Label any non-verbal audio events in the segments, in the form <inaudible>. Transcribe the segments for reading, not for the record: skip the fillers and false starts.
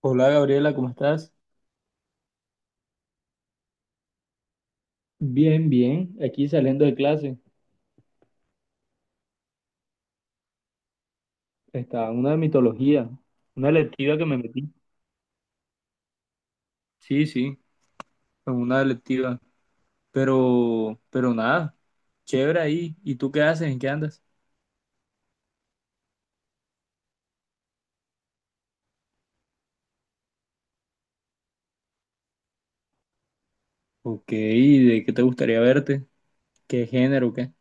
Hola Gabriela, ¿cómo estás? Bien, bien. Aquí saliendo de clase. Estaba en una de mitología, una electiva que me metí. Sí, sí, en una electiva. Pero nada, chévere ahí. ¿Y tú qué haces? ¿En qué andas? Ok, ¿de qué te gustaría verte? ¿Qué género, qué?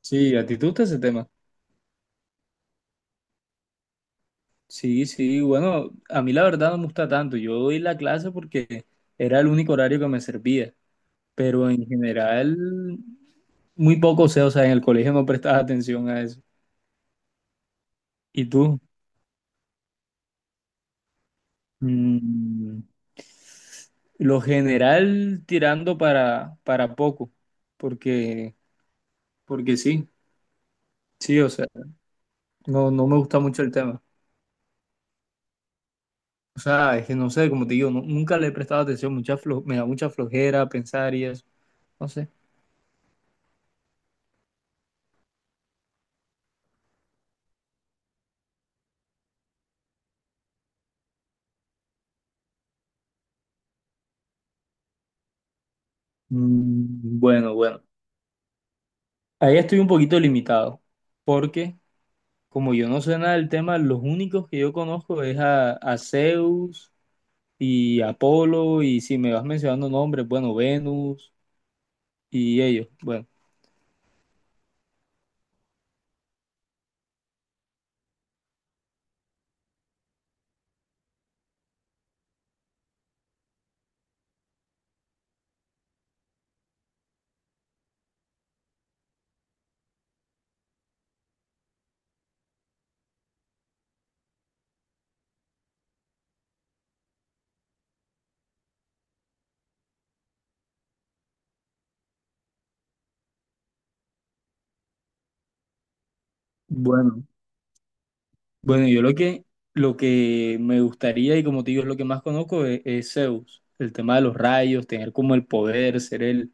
Sí, ¿a ti te gusta ese tema? Sí, sí, bueno, a mí la verdad no me gusta tanto. Yo doy la clase porque era el único horario que me servía. Pero en general, muy poco sé, o sea, en el colegio no prestaba atención a eso. ¿Y tú? Mm, lo general tirando para poco, porque, porque sí, sí, o sea, no, no me gusta mucho el tema. O sea, es que no sé, como te digo, nunca le he prestado atención, me da mucha flojera pensar y eso, no sé. Bueno, bueno, ahí estoy un poquito limitado, porque como yo no sé nada del tema, los únicos que yo conozco es a Zeus y Apolo, y si me vas mencionando nombres, bueno, Venus y ellos. Bueno, bueno, bueno, yo lo que me gustaría y como te digo es lo que más conozco es Zeus, el tema de los rayos, tener como el poder,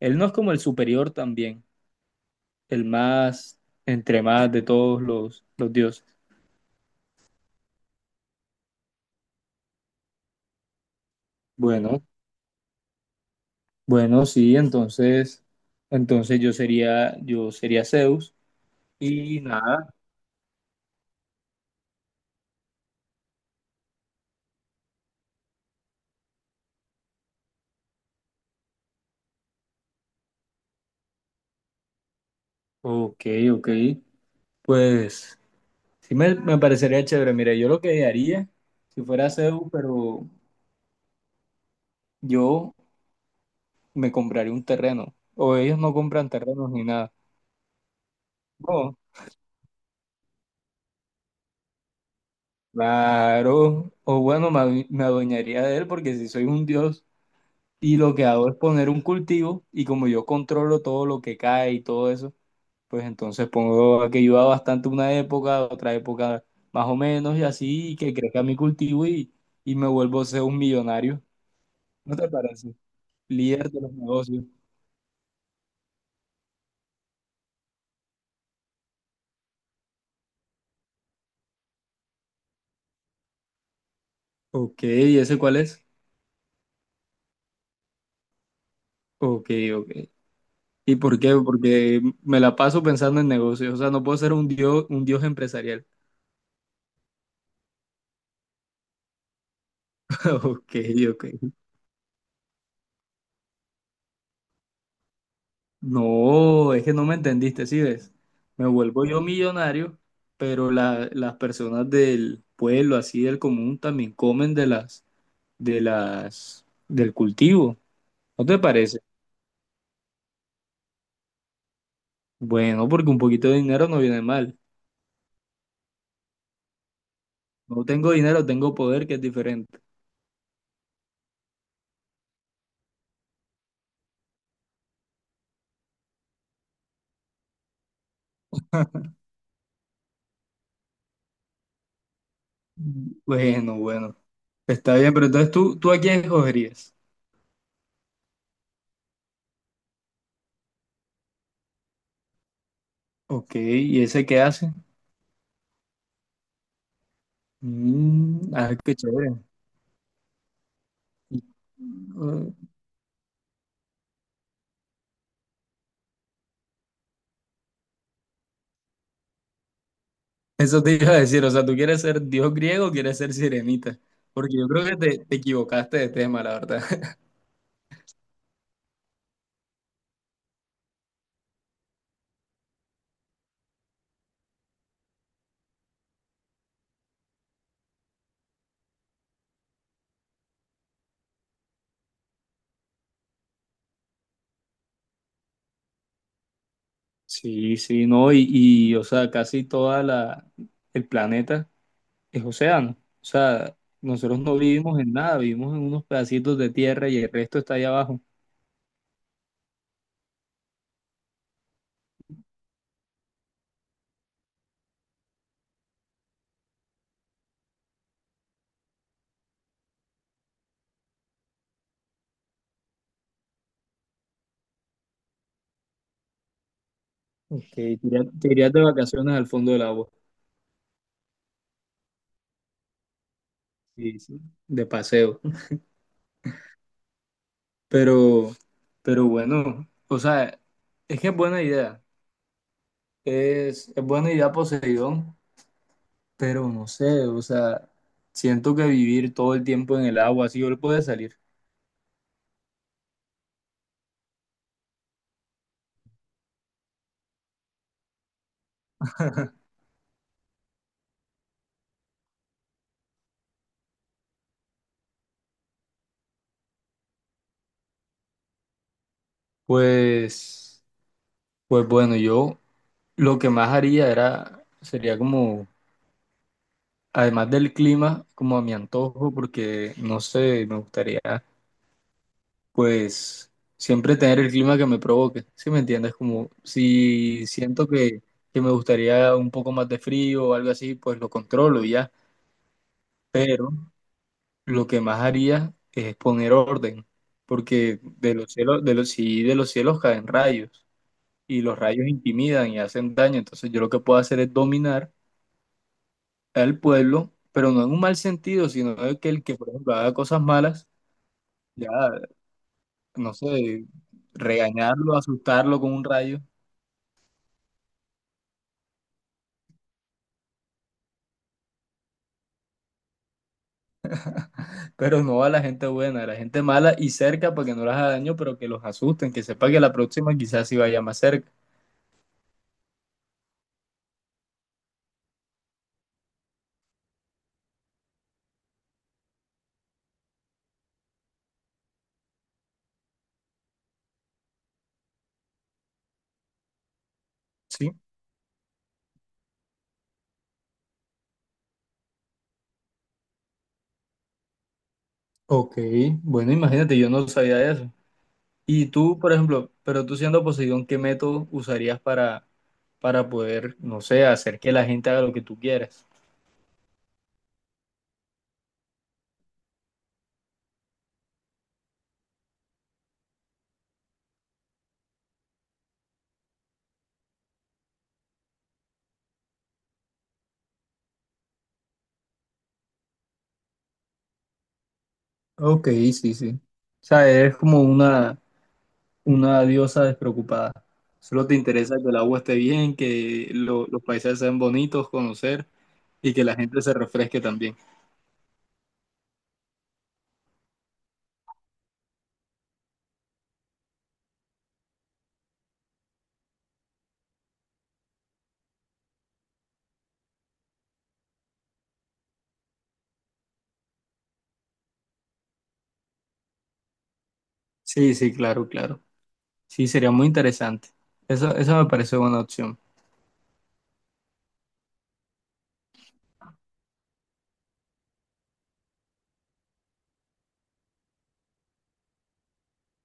él no es como el superior también, el más, entre más de todos los dioses. Bueno, bueno, sí, entonces yo sería Zeus y nada, ok, ok, pues sí me parecería chévere. Mira, yo lo que haría si fuera Zeus, pero yo me compraría un terreno. O ellos no compran terrenos ni nada. No, claro. O bueno, me adueñaría de él porque si soy un dios y lo que hago es poner un cultivo y como yo controlo todo lo que cae y todo eso, pues entonces pongo a que llueva bastante una época, otra época más o menos y así, y que crezca mi cultivo y me vuelvo a ser un millonario. ¿No te parece? Líder de los negocios. Ok, ¿y ese cuál es? Ok, ok. ¿Y por qué? Porque me la paso pensando en negocios. O sea, no puedo ser un dios empresarial. <laughs> Ok, ok. No, es que no me entendiste, ¿sí ves? Me vuelvo yo millonario, pero las personas del pueblo, así del común, también comen de del cultivo. ¿No te parece? Bueno, porque un poquito de dinero no viene mal. No tengo dinero, tengo poder, que es diferente. Bueno, bueno. Está bien, pero ¿tú a quién escogerías? Ok, ¿y ese qué hace? Mm, ah, qué chévere. Y, mm, eso te iba a decir. O sea, ¿tú quieres ser dios griego o quieres ser sirenita? Porque yo creo que te equivocaste de tema, la verdad. <laughs> Sí, sí, no, o sea, casi toda el planeta es océano. O sea, nosotros no vivimos en nada, vivimos en unos pedacitos de tierra y el resto está allá abajo. Ok, te irías de vacaciones al fondo del agua. Sí, sí, de paseo. Pero, pero bueno, o sea, es que es buena idea. Es buena idea Poseidón, pero no sé, o sea, siento que vivir todo el tiempo en el agua, así yo le puedo salir. Pues, pues bueno, yo lo que más haría era, sería como, además del clima, como a mi antojo, porque no sé, me gustaría, pues, siempre tener el clima que me provoque, ¿sí me entiendes? Como si siento que me gustaría un poco más de frío o algo así, pues lo controlo y ya, pero lo que más haría es poner orden, porque de los cielos, sí, de los cielos caen rayos y los rayos intimidan y hacen daño. Entonces yo lo que puedo hacer es dominar al pueblo, pero no en un mal sentido, sino de que el que, por ejemplo, haga cosas malas, ya, no sé, regañarlo, asustarlo con un rayo, <laughs> pero no a la gente buena, a la gente mala y cerca para que no les haga daño, pero que los asusten, que sepa que la próxima quizás sí vaya más cerca. Sí. Ok, bueno, imagínate, yo no sabía eso. Y tú, por ejemplo, pero tú siendo Poseidón, ¿qué método usarías para poder, no sé, hacer que la gente haga lo que tú quieres? Ok, sí, sí. O sea, eres como una diosa despreocupada. Solo te interesa que el agua esté bien, que los paisajes sean bonitos, conocer y que la gente se refresque también. Sí, sí, claro, claro. Sí, sería muy interesante. Eso me parece buena opción.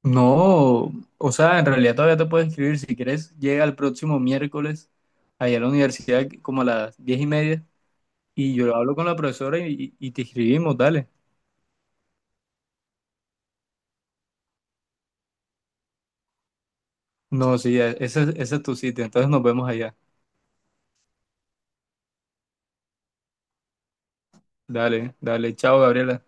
No, o sea, en realidad todavía te puedes escribir. Si quieres, llega el próximo miércoles allá a la universidad como a las 10:30 y yo hablo con la profesora y te escribimos, dale. No, sí, ese es tu sitio, entonces nos vemos allá. Dale, dale, chao, Gabriela.